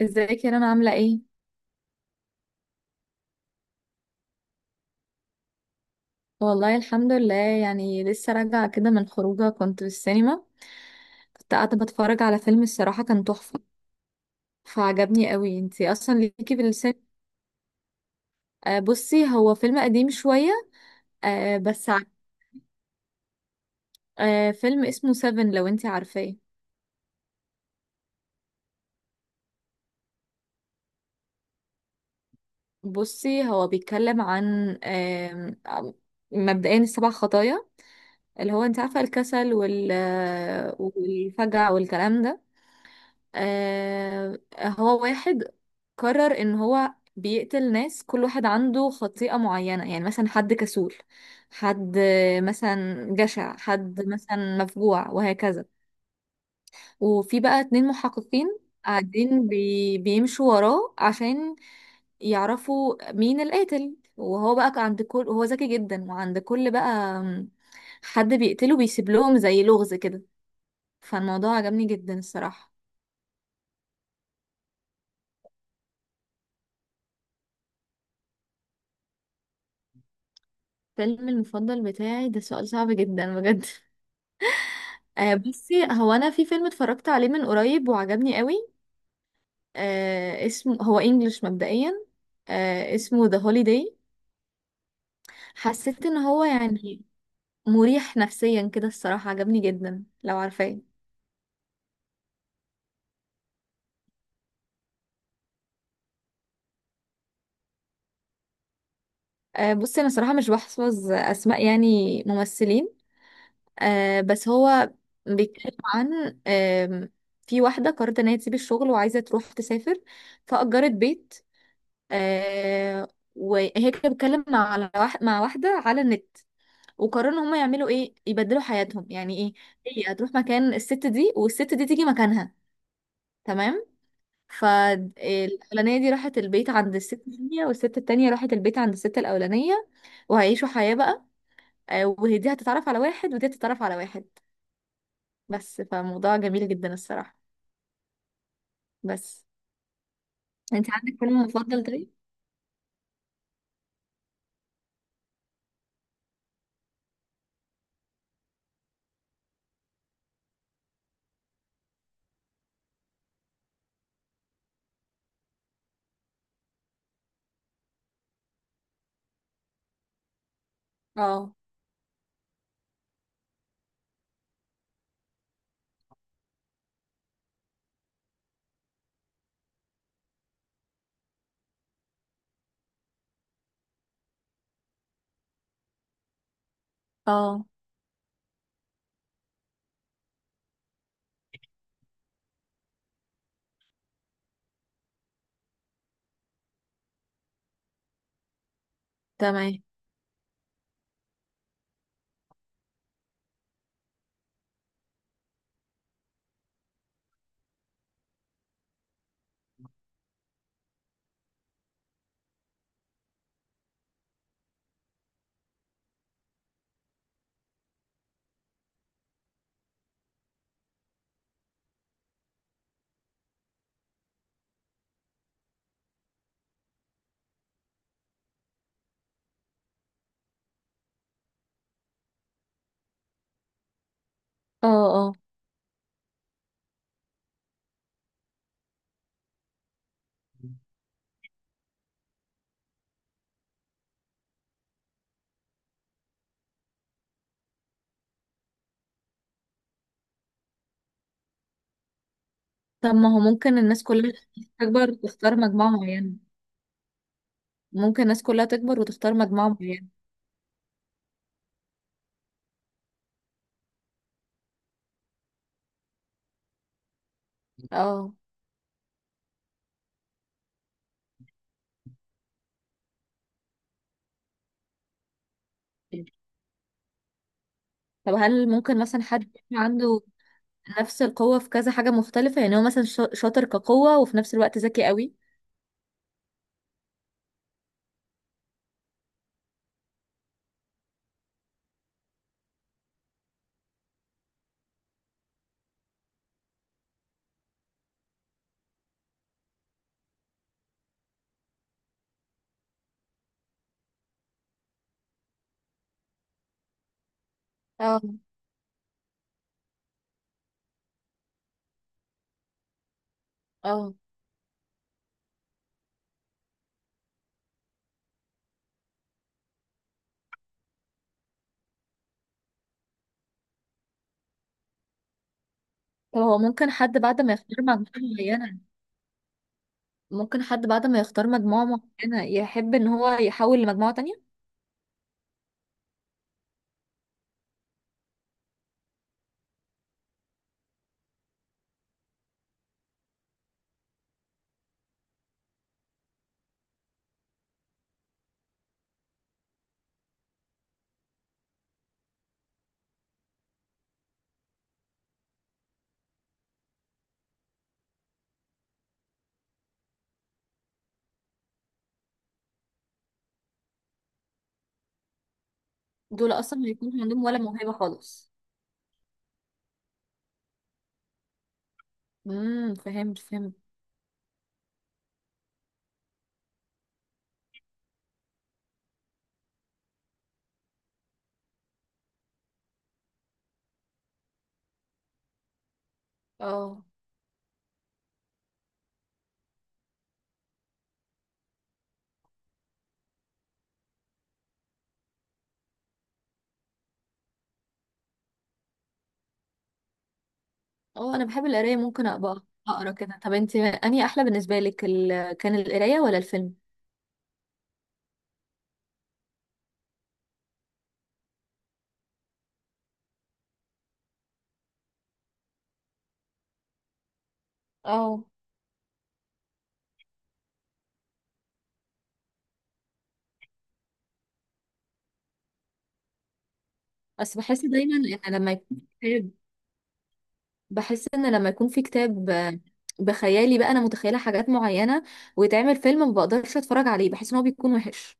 ازيك يا رنا عاملة ايه؟ والله الحمد لله، يعني لسه راجعة كده من خروجة، كنت في السينما. كنت قاعدة بتفرج على فيلم، الصراحة كان تحفة فعجبني قوي. انتي اصلا ليكي في السينما؟ آه بصي، هو فيلم قديم شوية. آه بس ع- فيلم اسمه سيفن، لو انتي عارفاه. بصي هو بيتكلم عن مبدئيا السبع خطايا، اللي هو انتي عارفة الكسل وال آه، والفجع والكلام ده. آه، هو واحد قرر ان هو بيقتل ناس، كل واحد عنده خطيئة معينة. يعني مثلا حد كسول، حد مثلا جشع، حد مثلا مفجوع، وهكذا. وفي بقى اتنين محققين قاعدين بيمشوا وراه عشان يعرفوا مين القاتل، وهو ذكي جدا، وعند كل بقى حد بيقتله بيسيب لهم زي لغز كده. فالموضوع عجبني جدا الصراحة. فيلم المفضل بتاعي ده سؤال صعب جدا بجد. آه بصي، هو انا في فيلم اتفرجت عليه من قريب وعجبني قوي. اسمه هو انجلش مبدئيا، اسمه The Holiday. حسيت ان هو يعني مريح نفسيا كده، الصراحة عجبني جدا لو عارفاه. آه بصي، انا صراحة مش بحفظ اسماء يعني ممثلين. آه بس هو بيتكلم عن في واحدة قررت ان هي تسيب الشغل وعايزة تروح تسافر، فأجرت بيت. آه وهي كانت بتتكلم على واحد مع واحدة على النت، وقرروا ان هم يعملوا ايه، يبدلوا حياتهم يعني ايه. هي هتروح مكان الست دي والست دي تيجي مكانها. تمام. فالأولانية دي راحت البيت عند الست التانية، والست التانية راحت البيت عند الست الأولانية، وهيعيشوا حياة بقى. وهي دي هتتعرف على واحد، ودي هتتعرف على واحد. بس فموضوع جميل جدا الصراحة. بس انت عندك فيلم مفضل طيب؟ اه. اه. تمام. اه. طب ما هو ممكن الناس كلها تكبر وتختار مجموعة معينة. ممكن الناس كلها تكبر وتختار مجموعة معينة؟ اه. طب هل ممكن مثلا حد يكون عنده نفس القوة في كذا حاجة مختلفة، يعني هو مثلا شاطر كقوة وفي نفس الوقت ذكي قوي. اه. اه. طب هو ممكن حد بعد ما يختار مجموعة معينة، ممكن حد بعد ما يختار مجموعة معينة يحب ان هو يحول لمجموعة تانية. دول اصلا ما يكونش عندهم ولا موهبة خالص. امم، فهمت فهمت. اه. اه انا بحب القرايه، ممكن ابقى اقرا كده. طب انت انهي احلى بالنسبه لك، كان القرايه ولا الفيلم؟ اه بس بحس دايما ان لما يكون في كتاب، بحس ان لما يكون في كتاب بخيالي بقى انا متخيله حاجات معينه، ويتعمل فيلم ما بقدرش اتفرج عليه، بحس ان هو بيكون وحش.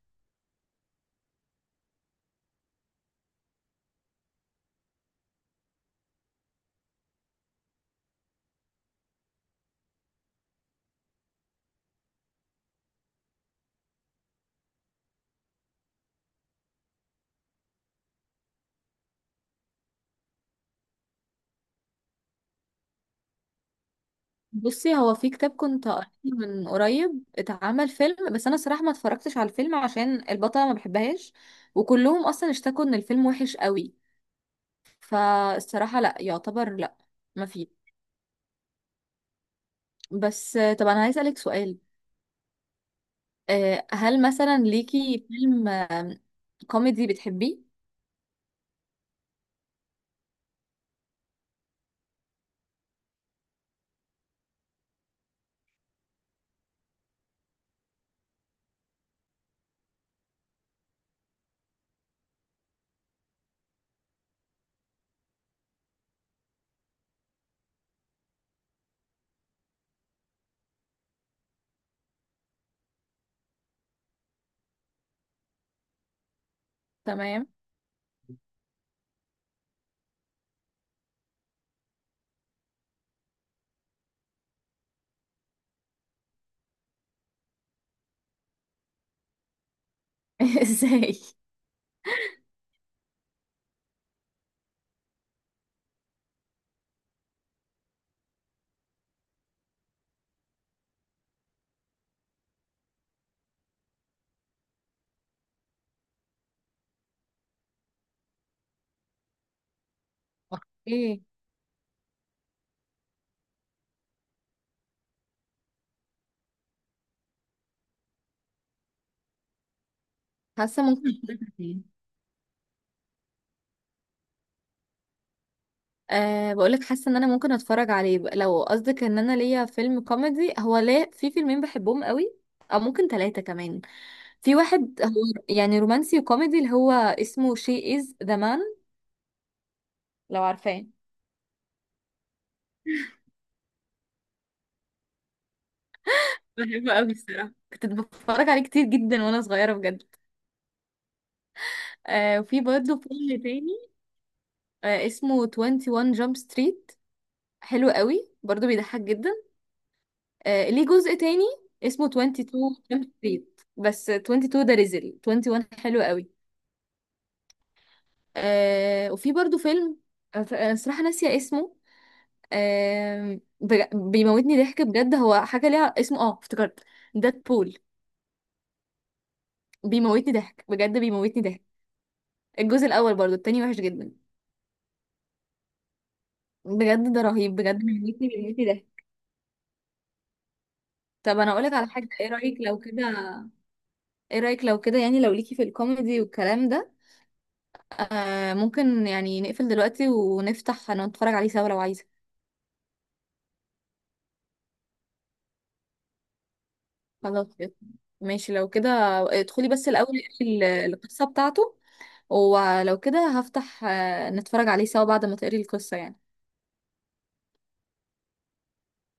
بصي هو في كتاب كنت قريته من قريب اتعمل فيلم، بس انا صراحه ما اتفرجتش على الفيلم عشان البطله ما بحبهاش، وكلهم اصلا اشتكوا ان الفيلم وحش قوي. فالصراحه لا، يعتبر لا، ما فيه. بس طب انا عايز اسالك سؤال. هل مثلا ليكي فيلم كوميدي بتحبيه؟ تمام. ازاي؟ ايه؟ حاسه ممكن. أه بقولك، حاسه ان انا ممكن اتفرج عليه بقى. لو قصدك ان انا ليا فيلم كوميدي، هو ليه في فيلمين بحبهم قوي، او ممكن ثلاثه كمان. في واحد هو يعني رومانسي وكوميدي، اللي هو اسمه شي از ذا مان، لو عارفاه. بحبه قوي الصراحة، كنت بتفرج عليه كتير جدا وانا صغيره بجد. أه وفي برضه فيلم تاني اسمه 21 جامب ستريت، حلو قوي برضو بيضحك جدا. ليه جزء تاني اسمه 22 جامب ستريت، بس 22 ده ريزل، 21 حلو قوي. وفي برضو فيلم صراحة ناسية اسمه. بيموتني ضحك بجد، هو حاجة ليها اسمه، اه افتكرت، ديد بول. بيموتني ضحك بجد، بيموتني ضحك. الجزء الأول، برضو التاني وحش جدا. بجد ده رهيب، بجد بيموتني ضحك. طب انا اقولك على حاجة، ايه رأيك لو كده؟ ايه رأيك لو كده، يعني لو ليكي في الكوميدي والكلام ده، آه ممكن يعني نقفل دلوقتي ونفتح نتفرج عليه سوا لو عايزة. خلاص يلا. ماشي لو كده، ادخلي بس الأول اقري القصة بتاعته، ولو كده هفتح نتفرج عليه سوا بعد ما تقري القصة يعني.